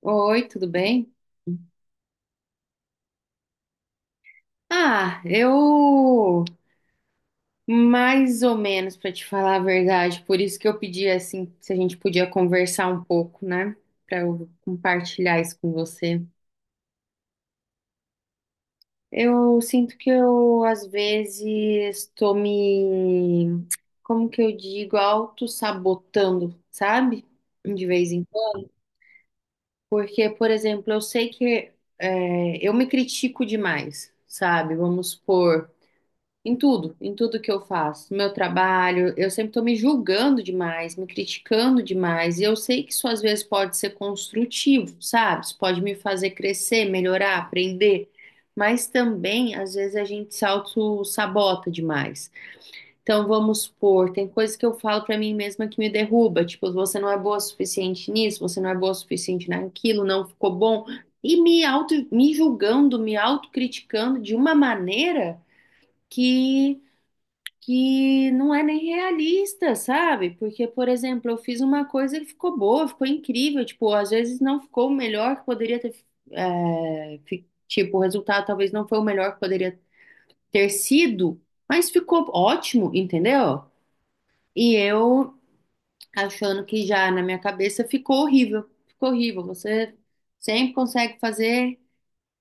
Oi, tudo bem? Ah, eu mais ou menos para te falar a verdade, por isso que eu pedi assim, se a gente podia conversar um pouco, né? Para eu compartilhar isso com você. Eu sinto que eu às vezes estou me, como que eu digo, auto-sabotando, sabe? De vez em quando. Porque, por exemplo, eu sei que eu me critico demais, sabe? Vamos supor. Em tudo que eu faço, no meu trabalho, eu sempre estou me julgando demais, me criticando demais, e eu sei que isso às vezes pode ser construtivo, sabe? Isso pode me fazer crescer, melhorar, aprender, mas também às vezes a gente se auto-sabota demais. Então vamos supor, tem coisas que eu falo para mim mesma que me derruba, tipo, você não é boa o suficiente nisso, você não é boa o suficiente naquilo, não ficou bom, e me auto, me julgando, me autocriticando de uma maneira que que não é nem realista, sabe? Porque, por exemplo, eu fiz uma coisa e ficou boa, ficou incrível, tipo, às vezes não ficou o melhor que poderia ter, tipo, o resultado talvez não foi o melhor que poderia ter sido, mas ficou ótimo, entendeu? E eu achando que já na minha cabeça ficou horrível, você sempre consegue fazer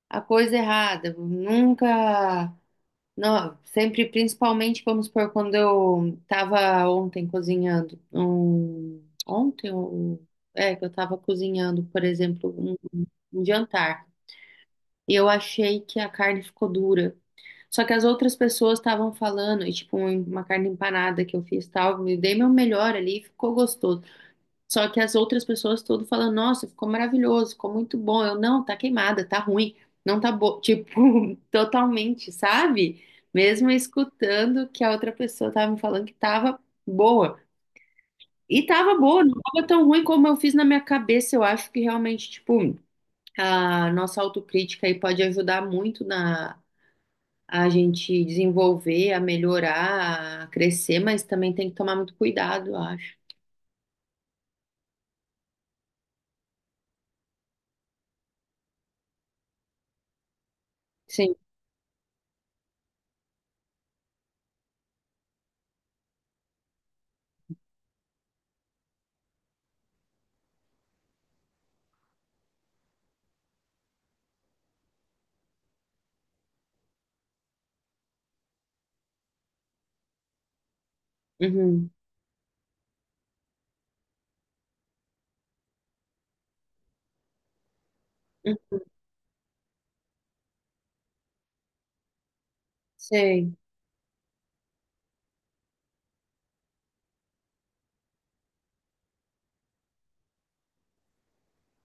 a coisa errada, nunca não, sempre, principalmente, vamos supor, quando eu estava ontem cozinhando, que eu estava cozinhando, por exemplo, um jantar, e eu achei que a carne ficou dura, só que as outras pessoas estavam falando, e tipo, uma carne empanada que eu fiz, tal, eu dei meu melhor ali, ficou gostoso. Só que as outras pessoas tudo falando, nossa, ficou maravilhoso, ficou muito bom. Eu, não, tá queimada, tá ruim, não tá bom. Tipo, totalmente, sabe? Mesmo escutando que a outra pessoa tava me falando que tava boa. E tava boa, não tava tão ruim como eu fiz na minha cabeça. Eu acho que realmente, tipo, a nossa autocrítica aí pode ajudar muito na a gente desenvolver, a melhorar, a crescer, mas também tem que tomar muito cuidado, eu acho. Sim. Uhum. Uhum. Sei.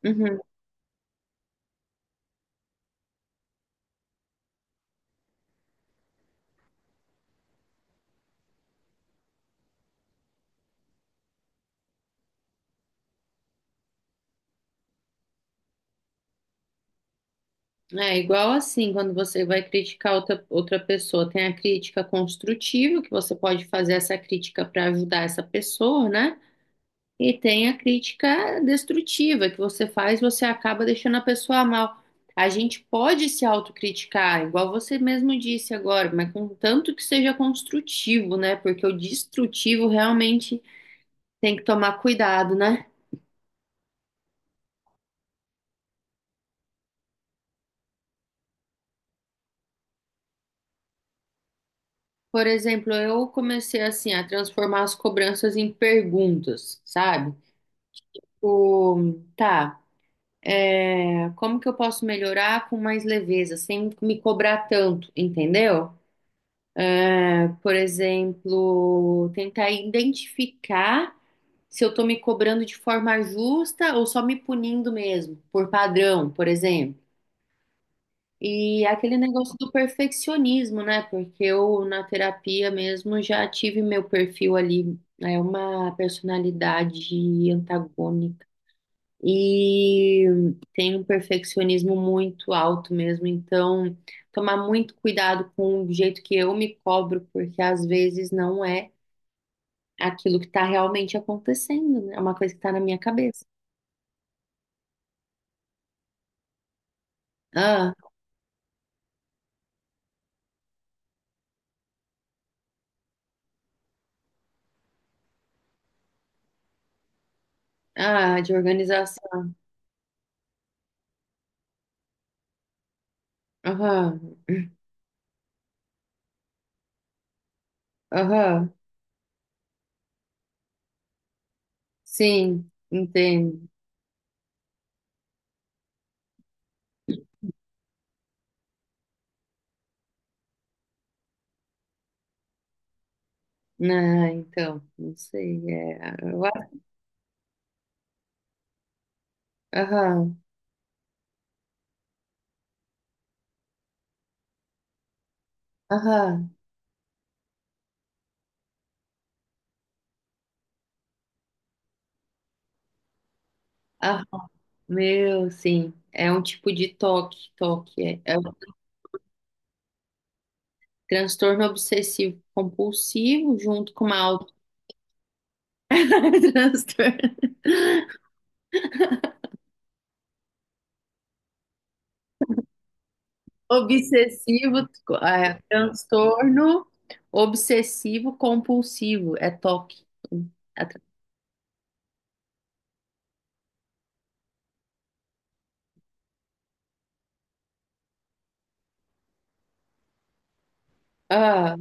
Uhum. É igual assim, quando você vai criticar outra pessoa, tem a crítica construtiva, que você pode fazer essa crítica para ajudar essa pessoa, né? E tem a crítica destrutiva, que você faz, você acaba deixando a pessoa mal. A gente pode se autocriticar, igual você mesmo disse agora, mas contanto que seja construtivo, né? Porque o destrutivo realmente tem que tomar cuidado, né? Por exemplo, eu comecei assim a transformar as cobranças em perguntas, sabe? Tipo, tá, como que eu posso melhorar com mais leveza, sem me cobrar tanto, entendeu? Por exemplo, tentar identificar se eu tô me cobrando de forma justa ou só me punindo mesmo, por padrão, por exemplo. E aquele negócio do perfeccionismo, né? Porque eu, na terapia mesmo, já tive meu perfil ali, é uma personalidade antagônica e tem um perfeccionismo muito alto mesmo. Então, tomar muito cuidado com o jeito que eu me cobro, porque às vezes não é aquilo que está realmente acontecendo, né? É uma coisa que está na minha cabeça. Ah, ah, de organização. Aham, aham, sim, entendo. Ah, então, não sei, é... eu acho- Aham, aham, aham, meu, sim, é um tipo de toque, toque, é. Transtorno obsessivo compulsivo, junto com uma auto... transtorno obsessivo, é, transtorno obsessivo compulsivo, é toque Ah,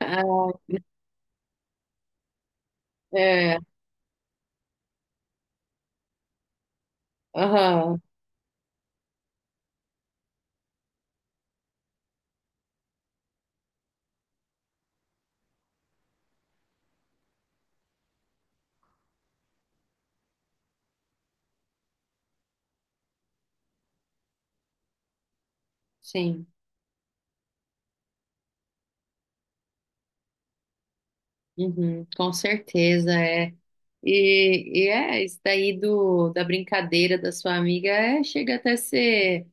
ah, é, é, aham, sim, uhum, com certeza é. E é, isso daí da brincadeira da sua amiga é, chega até ser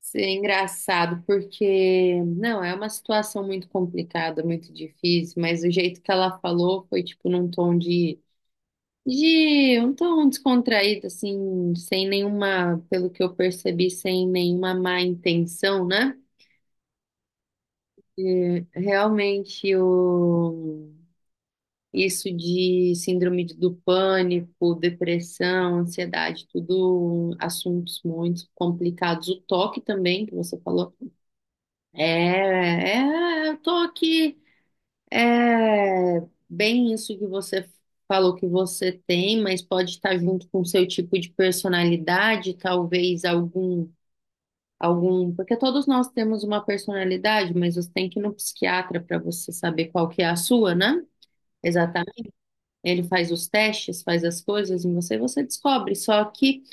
Sim, é engraçado, porque não, é uma situação muito complicada, muito difícil, mas o jeito que ela falou foi tipo num tom de um tom descontraído, assim, sem nenhuma, pelo que eu percebi, sem nenhuma má intenção, né? E, realmente isso de síndrome do pânico, depressão, ansiedade, tudo assuntos muito complicados. O toque também, que você falou. É, eu tô aqui, é bem isso que você falou que você tem, mas pode estar junto com o seu tipo de personalidade, talvez algum, algum, porque todos nós temos uma personalidade, mas você tem que ir no psiquiatra para você saber qual que é a sua, né? Exatamente. Ele faz os testes, faz as coisas em você, e você descobre. Só que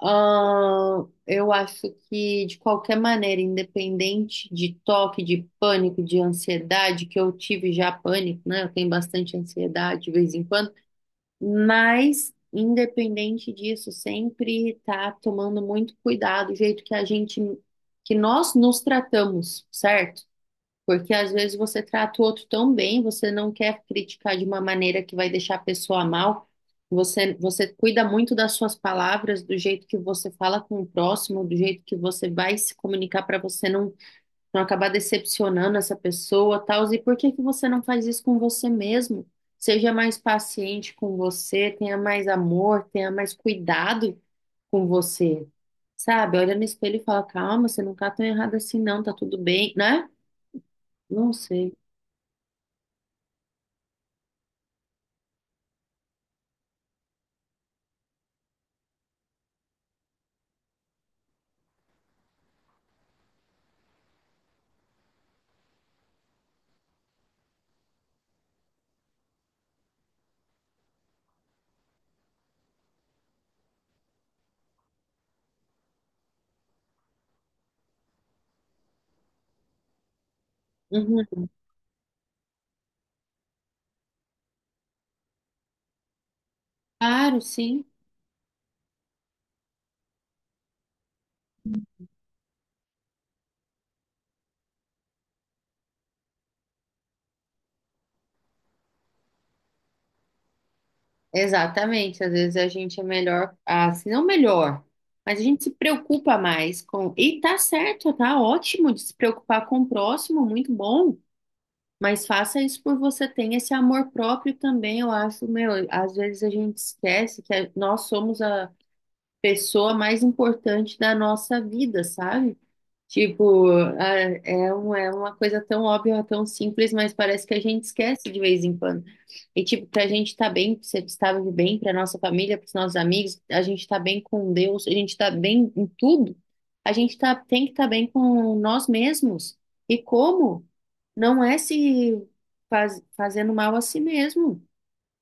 Eu acho que, de qualquer maneira, independente de toque, de pânico, de ansiedade, que eu tive já pânico, né? Eu tenho bastante ansiedade de vez em quando, mas, independente disso, sempre tá tomando muito cuidado, o jeito que a gente, que nós nos tratamos, certo? Porque às vezes você trata o outro tão bem, você não quer criticar de uma maneira que vai deixar a pessoa mal. Você cuida muito das suas palavras, do jeito que você fala com o próximo, do jeito que você vai se comunicar para você não, não acabar decepcionando essa pessoa, tal. E por que que você não faz isso com você mesmo? Seja mais paciente com você, tenha mais amor, tenha mais cuidado com você. Sabe? Olha no espelho e fala: calma, você não tá tão errado assim, não, tá tudo bem, né? Não sei. Uhum. Claro, sim. Exatamente. Às vezes a gente é melhor, assim, não melhor, mas a gente se preocupa mais com. E tá certo, tá ótimo de se preocupar com o próximo, muito bom. Mas faça isso por você, tenha esse amor próprio também. Eu acho, meu, às vezes a gente esquece que nós somos a pessoa mais importante da nossa vida, sabe? Tipo, ah, é uma coisa tão óbvia, tão simples, mas parece que a gente esquece de vez em quando. E, tipo, pra gente tá bem, pra ser estável de bem, pra nossa família, pros nossos amigos, a gente tá bem com Deus, a gente tá bem em tudo, a gente tá, tem que estar tá bem com nós mesmos. E como? Não é se faz- fazendo mal a si mesmo,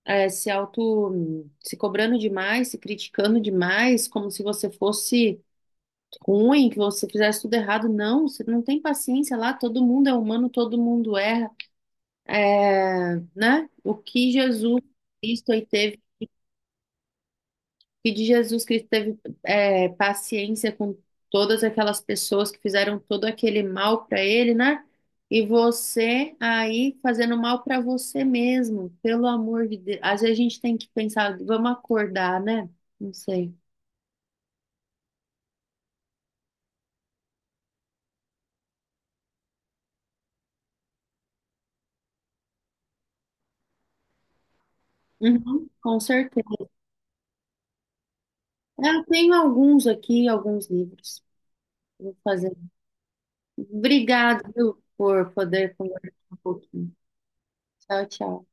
é se auto, se cobrando demais, se criticando demais, como se você fosse ruim, que você fizesse tudo errado. Não, você não tem paciência lá, todo mundo é humano, todo mundo erra. É, né? O que Jesus Cristo aí teve, o que de Jesus Cristo teve paciência com todas aquelas pessoas que fizeram todo aquele mal para ele, né? E você aí fazendo mal para você mesmo, pelo amor de Deus. Às vezes a gente tem que pensar, vamos acordar, né? Não sei. Uhum, com certeza. Eu tenho alguns aqui, alguns livros. Vou fazer. Obrigado, viu, por poder conversar um pouquinho. Tchau, tchau.